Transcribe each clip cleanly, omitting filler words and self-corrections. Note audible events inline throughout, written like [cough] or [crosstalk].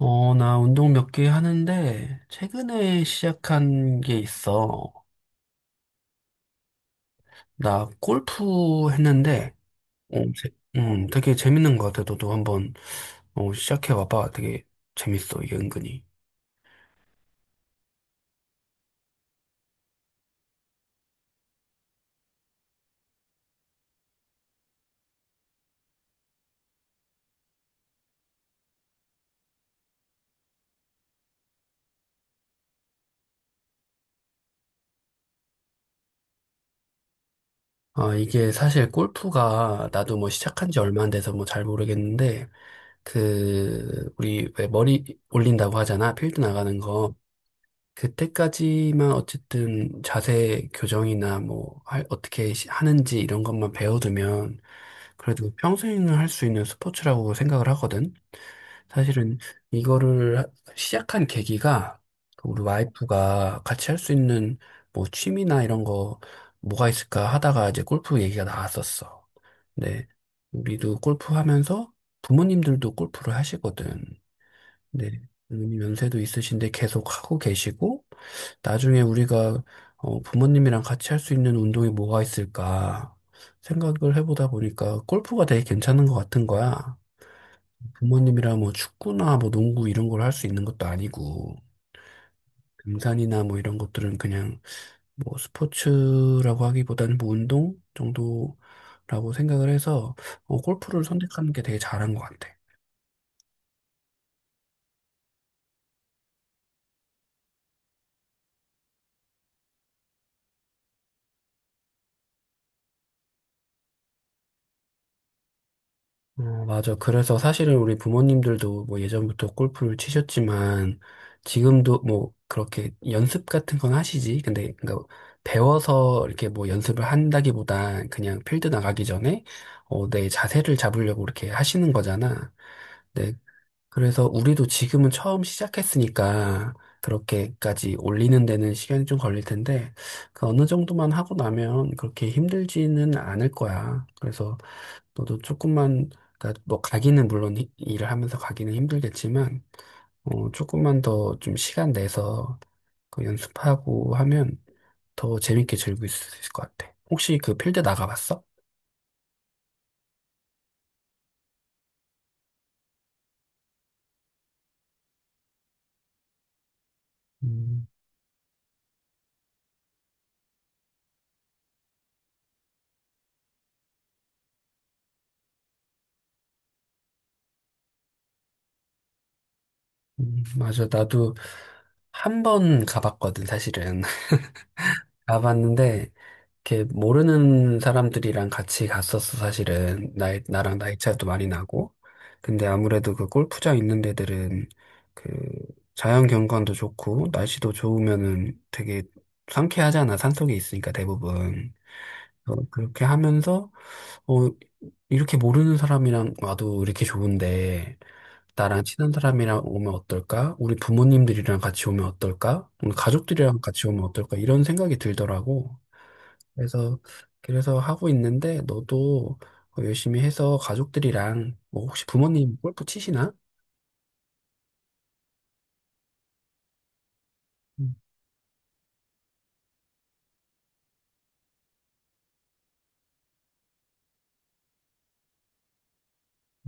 나 운동 몇 개 하는데, 최근에 시작한 게 있어. 나 골프 했는데, 어, 제- 되게 재밌는 것 같아. 너도 한번, 시작해봐봐. 되게 재밌어, 이게 은근히. 아, 이게 사실 골프가, 나도 뭐 시작한 지 얼마 안 돼서 뭐 잘 모르겠는데, 그, 우리 왜 머리 올린다고 하잖아. 필드 나가는 거. 그때까지만 어쨌든 자세 교정이나 뭐 어떻게 하는지 이런 것만 배워두면 그래도 평생을 할 수 있는 스포츠라고 생각을 하거든. 사실은 이거를 하- 시작한 계기가 그 우리 와이프가 같이 할 수 있는 뭐 취미나 이런 거 뭐가 있을까 하다가 이제 골프 얘기가 나왔었어. 근데 우리도 골프 하면서 부모님들도 골프를 하시거든. 네. 부모님 연세도 있으신데 계속 하고 계시고 나중에 우리가 부모님이랑 같이 할 수 있는 운동이 뭐가 있을까 생각을 해보다 보니까 골프가 되게 괜찮은 것 같은 거야. 부모님이랑 뭐 축구나 뭐 농구 이런 걸 할 수 있는 것도 아니고 등산이나 뭐 이런 것들은 그냥 뭐 스포츠라고 하기보다는 뭐 운동 정도라고 생각을 해서 골프를 선택하는 게 되게 잘한 것 같아. 어, 맞아. 그래서 사실은 우리 부모님들도 뭐 예전부터 골프를 치셨지만 지금도 뭐 그렇게 연습 같은 건 하시지. 근데 그러니까 배워서 이렇게 뭐 연습을 한다기보다 그냥 필드 나가기 전에 내 자세를 잡으려고 이렇게 하시는 거잖아. 네. 그래서 우리도 지금은 처음 시작했으니까 그렇게까지 올리는 데는 시간이 좀 걸릴 텐데 그 어느 정도만 하고 나면 그렇게 힘들지는 않을 거야. 그래서 너도 조금만, 그러니까 뭐 가기는 물론 일을 하면서 가기는 힘들겠지만, 조금만 더 좀 시간 내서 그 연습하고 하면 더 재밌게 즐길 수 있을 것 같아. 혹시 그 필드 나가봤어? 음, 맞아. 나도 한 번 가봤거든, 사실은. [laughs] 가봤는데, 이렇게 모르는 사람들이랑 같이 갔었어, 사실은. 나랑 나이 차이도 많이 나고. 근데 아무래도 그 골프장 있는 데들은 그 자연 경관도 좋고, 날씨도 좋으면은 되게 상쾌하잖아. 산속에 있으니까 대부분. 그렇게 하면서, 어, 이렇게 모르는 사람이랑 와도 이렇게 좋은데, 나랑 친한 사람이랑 오면 어떨까? 우리 부모님들이랑 같이 오면 어떨까? 우리 가족들이랑 같이 오면 어떨까? 이런 생각이 들더라고. 그래서 하고 있는데 너도 열심히 해서 가족들이랑 뭐 혹시 부모님 골프 치시나?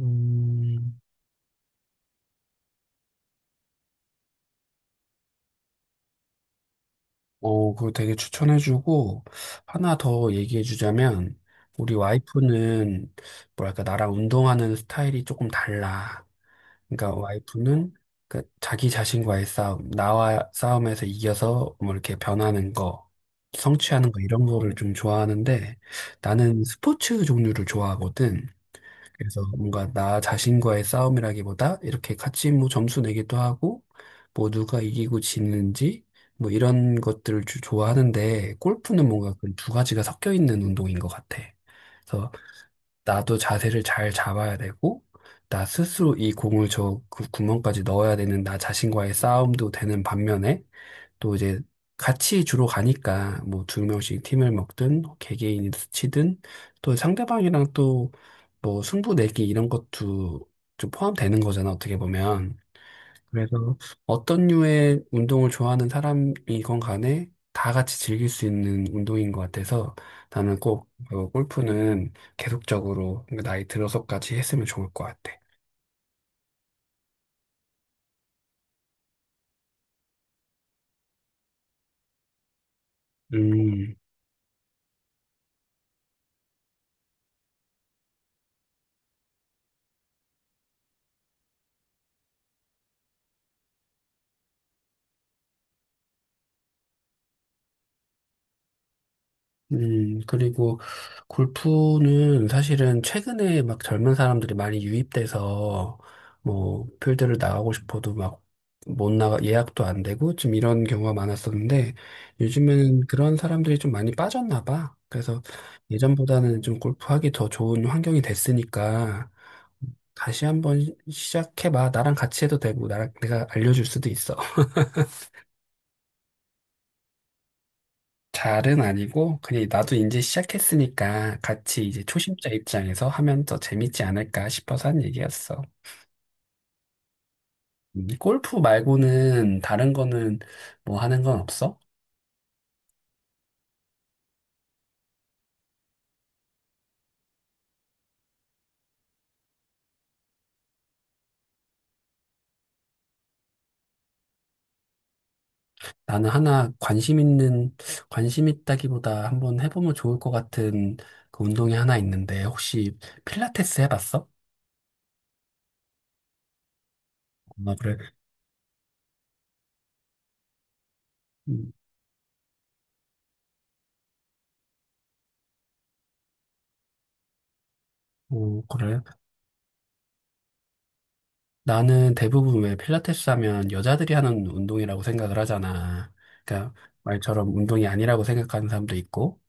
음, 어, 그거 되게 추천해주고, 하나 더 얘기해주자면, 우리 와이프는, 뭐랄까, 나랑 운동하는 스타일이 조금 달라. 그러니까 와이프는, 그, 자기 자신과의 싸움, 나와 싸움에서 이겨서, 뭐, 이렇게 변하는 거, 성취하는 거, 이런 거를 좀 좋아하는데, 나는 스포츠 종류를 좋아하거든. 그래서 뭔가 나 자신과의 싸움이라기보다 이렇게 같이 뭐 점수 내기도 하고 뭐 누가 이기고 지는지 뭐 이런 것들을 좋아하는데 골프는 뭔가 그 두 가지가 섞여 있는 운동인 것 같아. 그래서 나도 자세를 잘 잡아야 되고 나 스스로 이 공을 저 구멍까지 넣어야 되는 나 자신과의 싸움도 되는 반면에 또 이제 같이 주로 가니까 뭐 두 명씩 팀을 먹든 개개인이 치든 또 상대방이랑 또 뭐 승부 내기 이런 것도 좀 포함되는 거잖아 어떻게 보면 그래서 어떤 류의 운동을 좋아하는 사람이건 간에 다 같이 즐길 수 있는 운동인 것 같아서 나는 꼭 골프는 계속적으로 나이 들어서까지 했으면 좋을 것 같아. 음. 그리고 골프는 사실은 최근에 막 젊은 사람들이 많이 유입돼서 뭐 필드를 나가고 싶어도 막 못 나가 예약도 안 되고 좀 이런 경우가 많았었는데 요즘에는 그런 사람들이 좀 많이 빠졌나 봐. 그래서 예전보다는 좀 골프하기 더 좋은 환경이 됐으니까 다시 한번 시작해봐. 나랑 같이 해도 되고 나랑 내가 알려줄 수도 있어. 잘은 아니고 그냥 나도 이제 시작했으니까 같이 이제 초심자 입장에서 하면 더 재밌지 않을까 싶어서 한 얘기였어. 골프 말고는 다른 거는 뭐 하는 건 없어? 나는 하나 관심 있는 관심 있다기보다 한번 해보면 좋을 것 같은 그 운동이 하나 있는데 혹시 필라테스 해봤어? 어, 그래. 음, 어, 그래. 나는 대부분 왜 필라테스 하면 여자들이 하는 운동이라고 생각을 하잖아. 그러니까 말처럼 운동이 아니라고 생각하는 사람도 있고.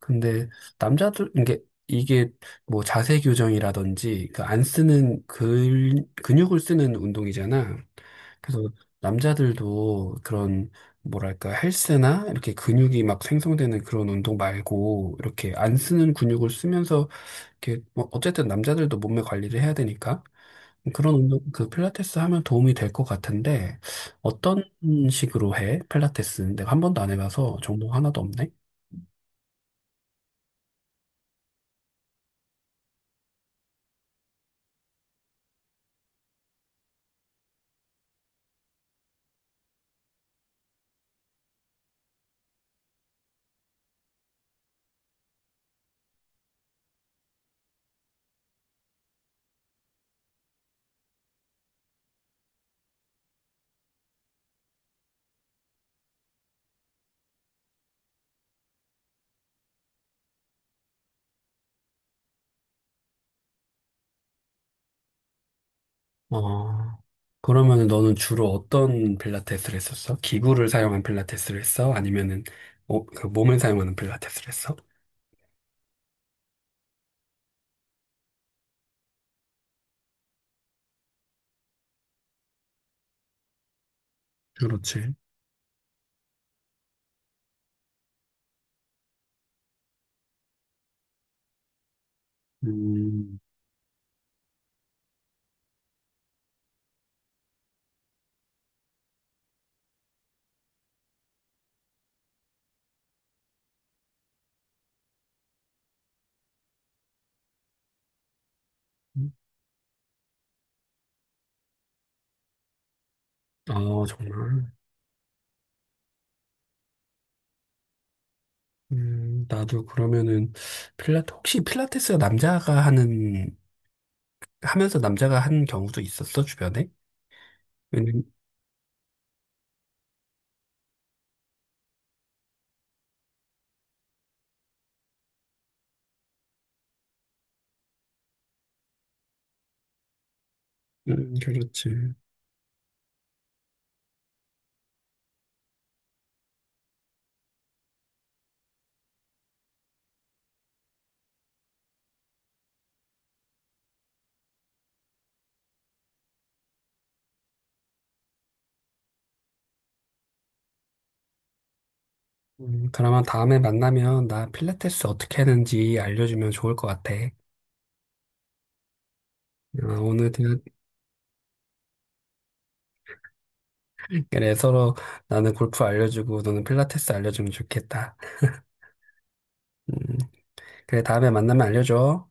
근데 남자들 이게 뭐 자세 교정이라든지 그 안 쓰는 근 근육을 쓰는 운동이잖아. 그래서 남자들도 그런 뭐랄까 헬스나 이렇게 근육이 막 생성되는 그런 운동 말고 이렇게 안 쓰는 근육을 쓰면서 이렇게 뭐 어쨌든 남자들도 몸매 관리를 해야 되니까 그런 운동 그 필라테스 하면 도움이 될 것 같은데 어떤 식으로 해? 필라테스 내가 한 번도 안 해봐서 정보 하나도 없네. 어 그러면 너는 주로 어떤 필라테스를 했었어? 기구를 사용한 필라테스를 했어? 아니면은 그 몸을 사용하는 필라테스를 했어? 그렇지. 음, 아, 정말. 나도 그러면은, 혹시 필라테스가 남자가 하는 하면서 남자가 한 경우도 있었어, 주변에? 왜냐면, 그렇지. 그러면 다음에 만나면 나 필라테스 어떻게 하는지 알려주면 좋을 것 같아. 어, 오늘 대화, 그래, 서로 나는 골프 알려주고 너는 필라테스 알려주면 좋겠다. 음, 그래, 다음에 만나면 알려줘.